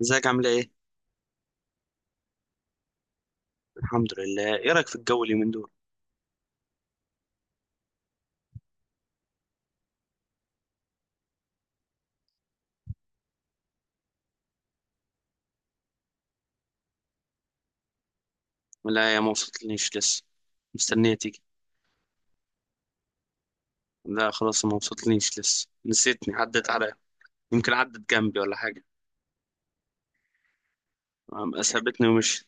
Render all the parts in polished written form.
ازيك عاملة ايه؟ الحمد لله، ايه رأيك في الجو اليومين دول؟ لا يا ما وصلتليش لسه، مستنية تيجي. لا خلاص ما وصلتليش لسه، نسيتني عدت عليا، يمكن عدت جنبي ولا حاجة. سابتني ومشيت.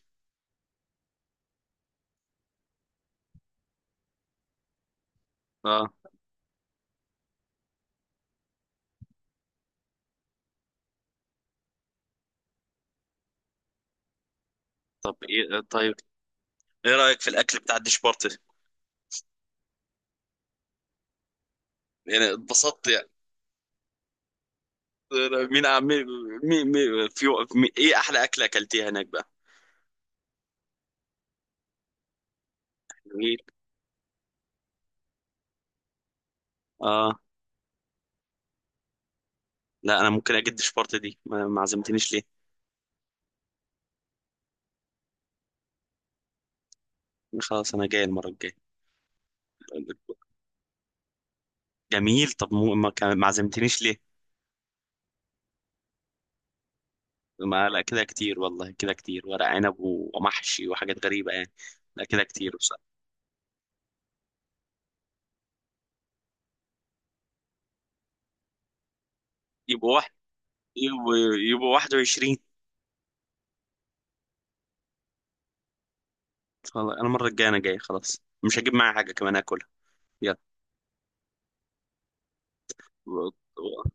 اه، طب ايه طيب، ايه رأيك في الأكل بتاع الدشبورتي؟ يعني اتبسطت يعني؟ مين عم مين مين مين- في مين ايه أحلى أكلة أكلتيها هناك بقى؟ جميل. اه، لا أنا ممكن أجيب دشبورتي دي، ما عزمتنيش ليه؟ خلاص أنا جاي المرة الجاية. جميل، طب ما عزمتنيش ليه؟ ما لا كده كتير والله، كده كتير ورق عنب ومحشي وحاجات غريبة يعني. لا كده كتير بصراحة. يبقوا واحد، يبقوا يبقوا 21. والله أنا المرة الجاية أنا جاي، خلاص مش هجيب معايا حاجة كمان آكلها. يلا. و- و-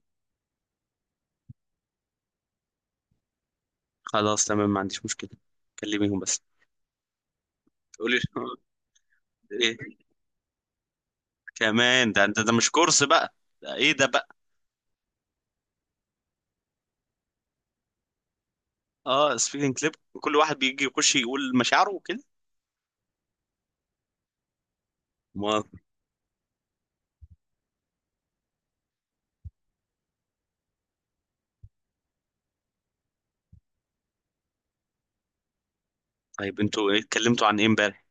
خلاص تمام، ما عنديش مشكلة. كلميهم بس، قولي. إيه؟ كمان؟ ده أنت ده مش كورس بقى، ده إيه ده بقى؟ أه، سبيكينج كليب، كل واحد بيجي يخش يقول مشاعره وكده. ما طيب أنتوا إيه اتكلمتوا عن إيه إمبارح؟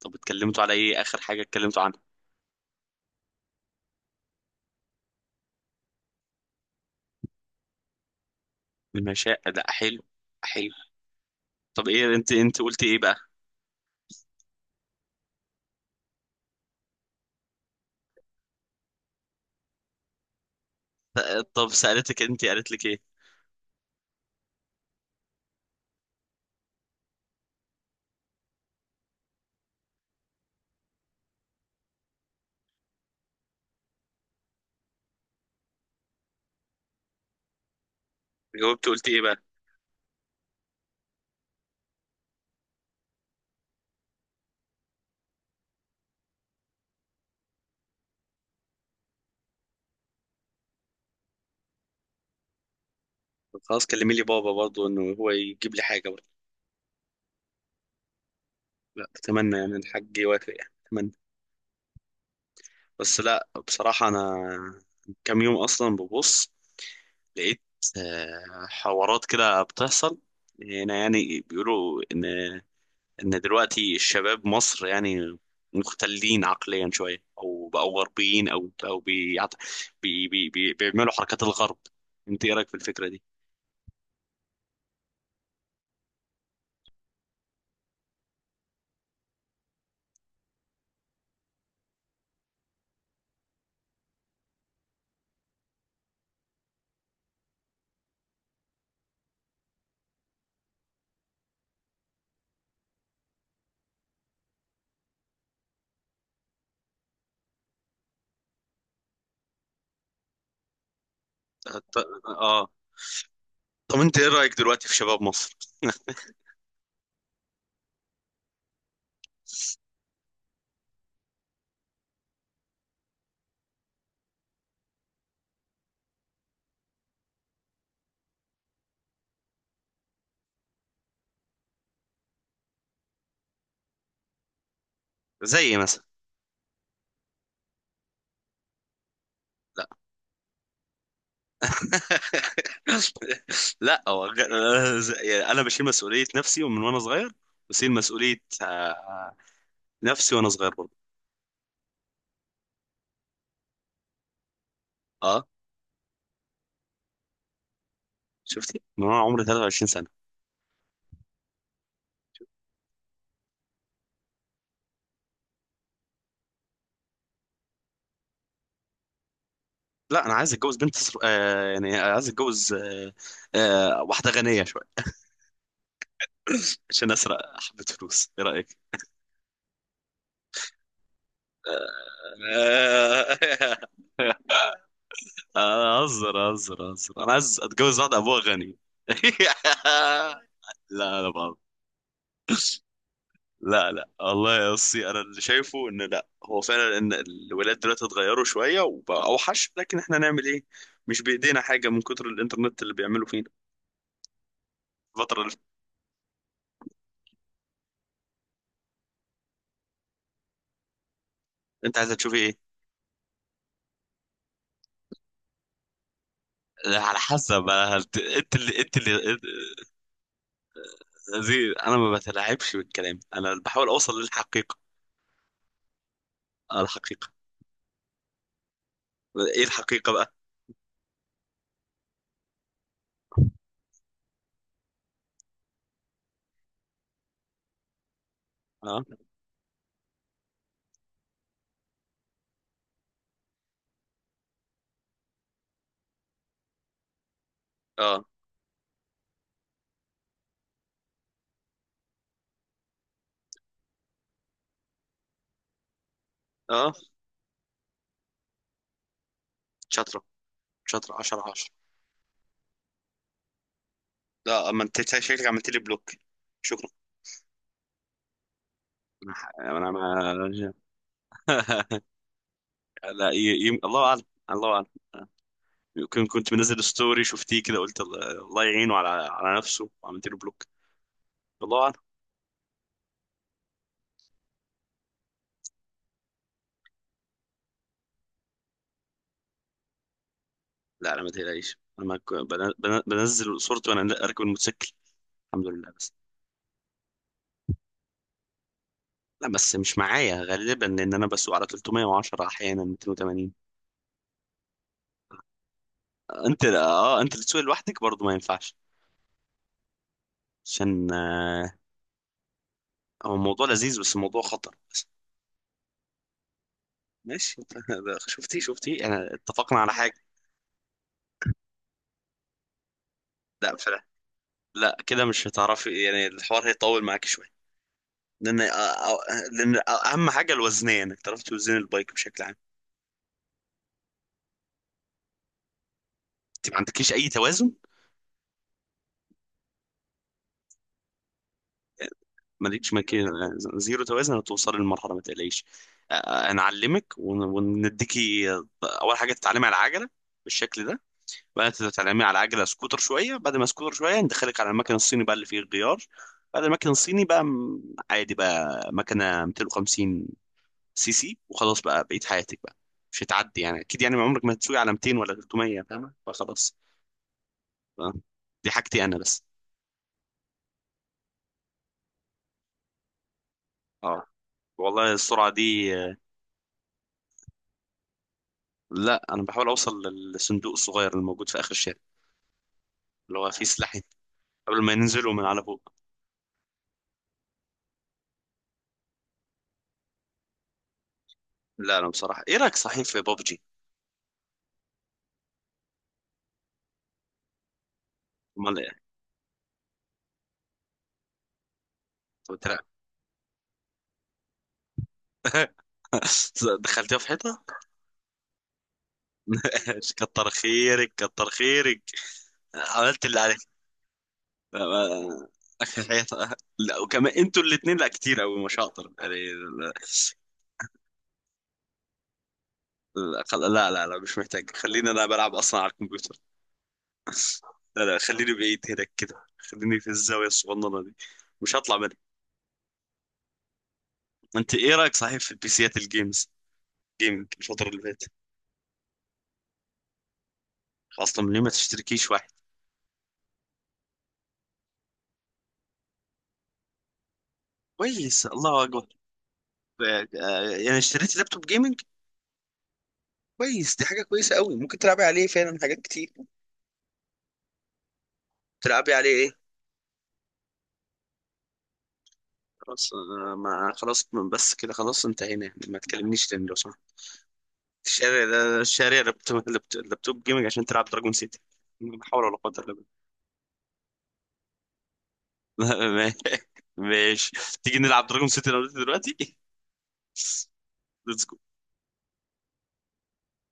طب اتكلمتوا على إيه آخر حاجة اتكلمتوا عنها؟ المشاعر؟ لا حلو، حلو. طب ايه، انت قلتي ايه بقى؟ طب سألتك، انت قالت لك ايه؟ جاوبت قلت ايه بقى؟ طب خلاص كلمي لي بابا برضو انه هو يجيب لي حاجه برضو. لا اتمنى يعني، الحاج يوافق يعني اتمنى. بس لا بصراحه انا كام يوم اصلا ببص، لقيت حوارات كده بتحصل هنا يعني. بيقولوا ان، ان دلوقتي الشباب مصر يعني مختلين عقليا شويه، او بقوا غربيين، او بيعت... بي... بي... بي... بيعملوا حركات الغرب. انت ايه رايك في الفكره دي؟ ط- اه. طب انت ايه رايك دلوقتي في شباب مصر؟ زي مثلا؟ لا. لا هو يعني انا بشيل مسؤوليه نفسي ومن وانا صغير. بشيل مسؤوليه، آه، نفسي وانا صغير برضه. اه، شفتي، من وانا عمري 23. لا انا عايز اتجوز بنت آه يعني عايز اتجوز، آه آه، واحده غنيه شويه عشان اسرق حبه فلوس. ايه رايك؟ آه... انا اهزر اهزر، انا عايز اتجوز واحده ابوها غني. لا انا بقى. لا والله يا اسطى، انا اللي شايفه ان لا، هو فعلا ان الولاد دلوقتي اتغيروا شويه وبقى اوحش، لكن احنا نعمل ايه؟ مش بايدينا حاجه من كتر الانترنت اللي بيعملوا فينا. الفتره اللي، انت عايز تشوف ايه؟ على حسب. أنا هت- انت اللي انت اللي انت- زي، انا ما بتلاعبش بالكلام، انا بحاول اوصل للحقيقه. آه، الحقيقه. ايه الحقيقه بقى؟ اه اه اه شاطره. شاطره 10 10. لا ما انت شكلك عملت لي بلوك. شكرا. انا انا ما- لا الله اعلم. الله اعلم. كنت منزل ستوري شفتيه كده، قلت الله، الله يعينه على نفسه، وعملت له بلوك. الله اعلم. لا انا ما تقلقيش، انا ما ك- بن- بن- بنزل صورتي وانا اركب الموتوسيكل. الحمد لله. لا بس مش معايا غالبا، لان انا بسوق على 310، احيانا 280. انت اه، انت اللي تسوق لوحدك برضه ما ينفعش. عشان آه، هو الموضوع لذيذ، بس الموضوع خطر بس. ماشي شفتي شفتي، انا اتفقنا على حاجه. لا فلا لا كده مش هتعرفي يعني، الحوار هيطول معاك شويه. لان لان اهم حاجه الوزنيه، انك تعرف توزن البايك بشكل عام. انت ما عندكيش اي توازن. مالكش مكان، زيرو توازن. هتوصلي للمرحله ما تقلقيش. آه، هنعلمك ونديكي آه، اول حاجه تتعلمي على العجله بالشكل ده. بعدين تتعلمي على العجله سكوتر شويه، بعد ما سكوتر شويه ندخلك على المكن الصيني بقى اللي فيه الغيار. بعد المكن الصيني بقى عادي بقى، مكنه 250 سي سي وخلاص بقى، بقيت حياتك بقى. مش هتعدي يعني، اكيد يعني عمرك ما هتسوقي على 200 ولا 300 فاهمه، فخلاص. آه، دي حاجتي انا بس. اه، والله السرعه دي. لا انا بحاول اوصل للصندوق الصغير اللي موجود في اخر الشارع، اللي هو فيه سلاحين، قبل ما ينزلوا من على فوق. لا انا بصراحه، ايه رايك صحيح في بابجي؟ امال ايه؟ طب تلعب. دخلتيها في حيطه؟ كتر خيرك كتر خيرك، عملت اللي عليك. آه، اخر حيطه، لا وكمان انتوا الاثنين، لا كتير قوي مش هقدر يعني، لا. لا لا لا، مش محتاج، خليني انا بلعب اصلا على الكمبيوتر. لا لا، خليني بعيد هناك كده، خليني في الزاويه الصغننه دي، مش هطلع. انت ايه رايك صحيح في البيسيات الجيمز جيمنج الفتره اللي فاتت؟ خاصه من، ليه ما تشتركيش واحد؟ كويس، الله اكبر. آه، آه، يعني اشتريت لابتوب جيمنج؟ كويس، دي حاجه كويسه قوي، ممكن تلعبي عليه فعلا حاجات كتير. تلعبي عليه ايه؟ خلاص آه، ما خلاص بس كده، خلاص انتهينا يعني، ما تكلمنيش تاني لو سمحت. الشارع ده- الشارع لابتوب لابتوب جيمنج عشان تلعب دراجون سيتي؟ لا حول ولا قوه الا بالله. ماشي، تيجي نلعب دراجون سيتي انا وانت دلوقتي؟ ليتس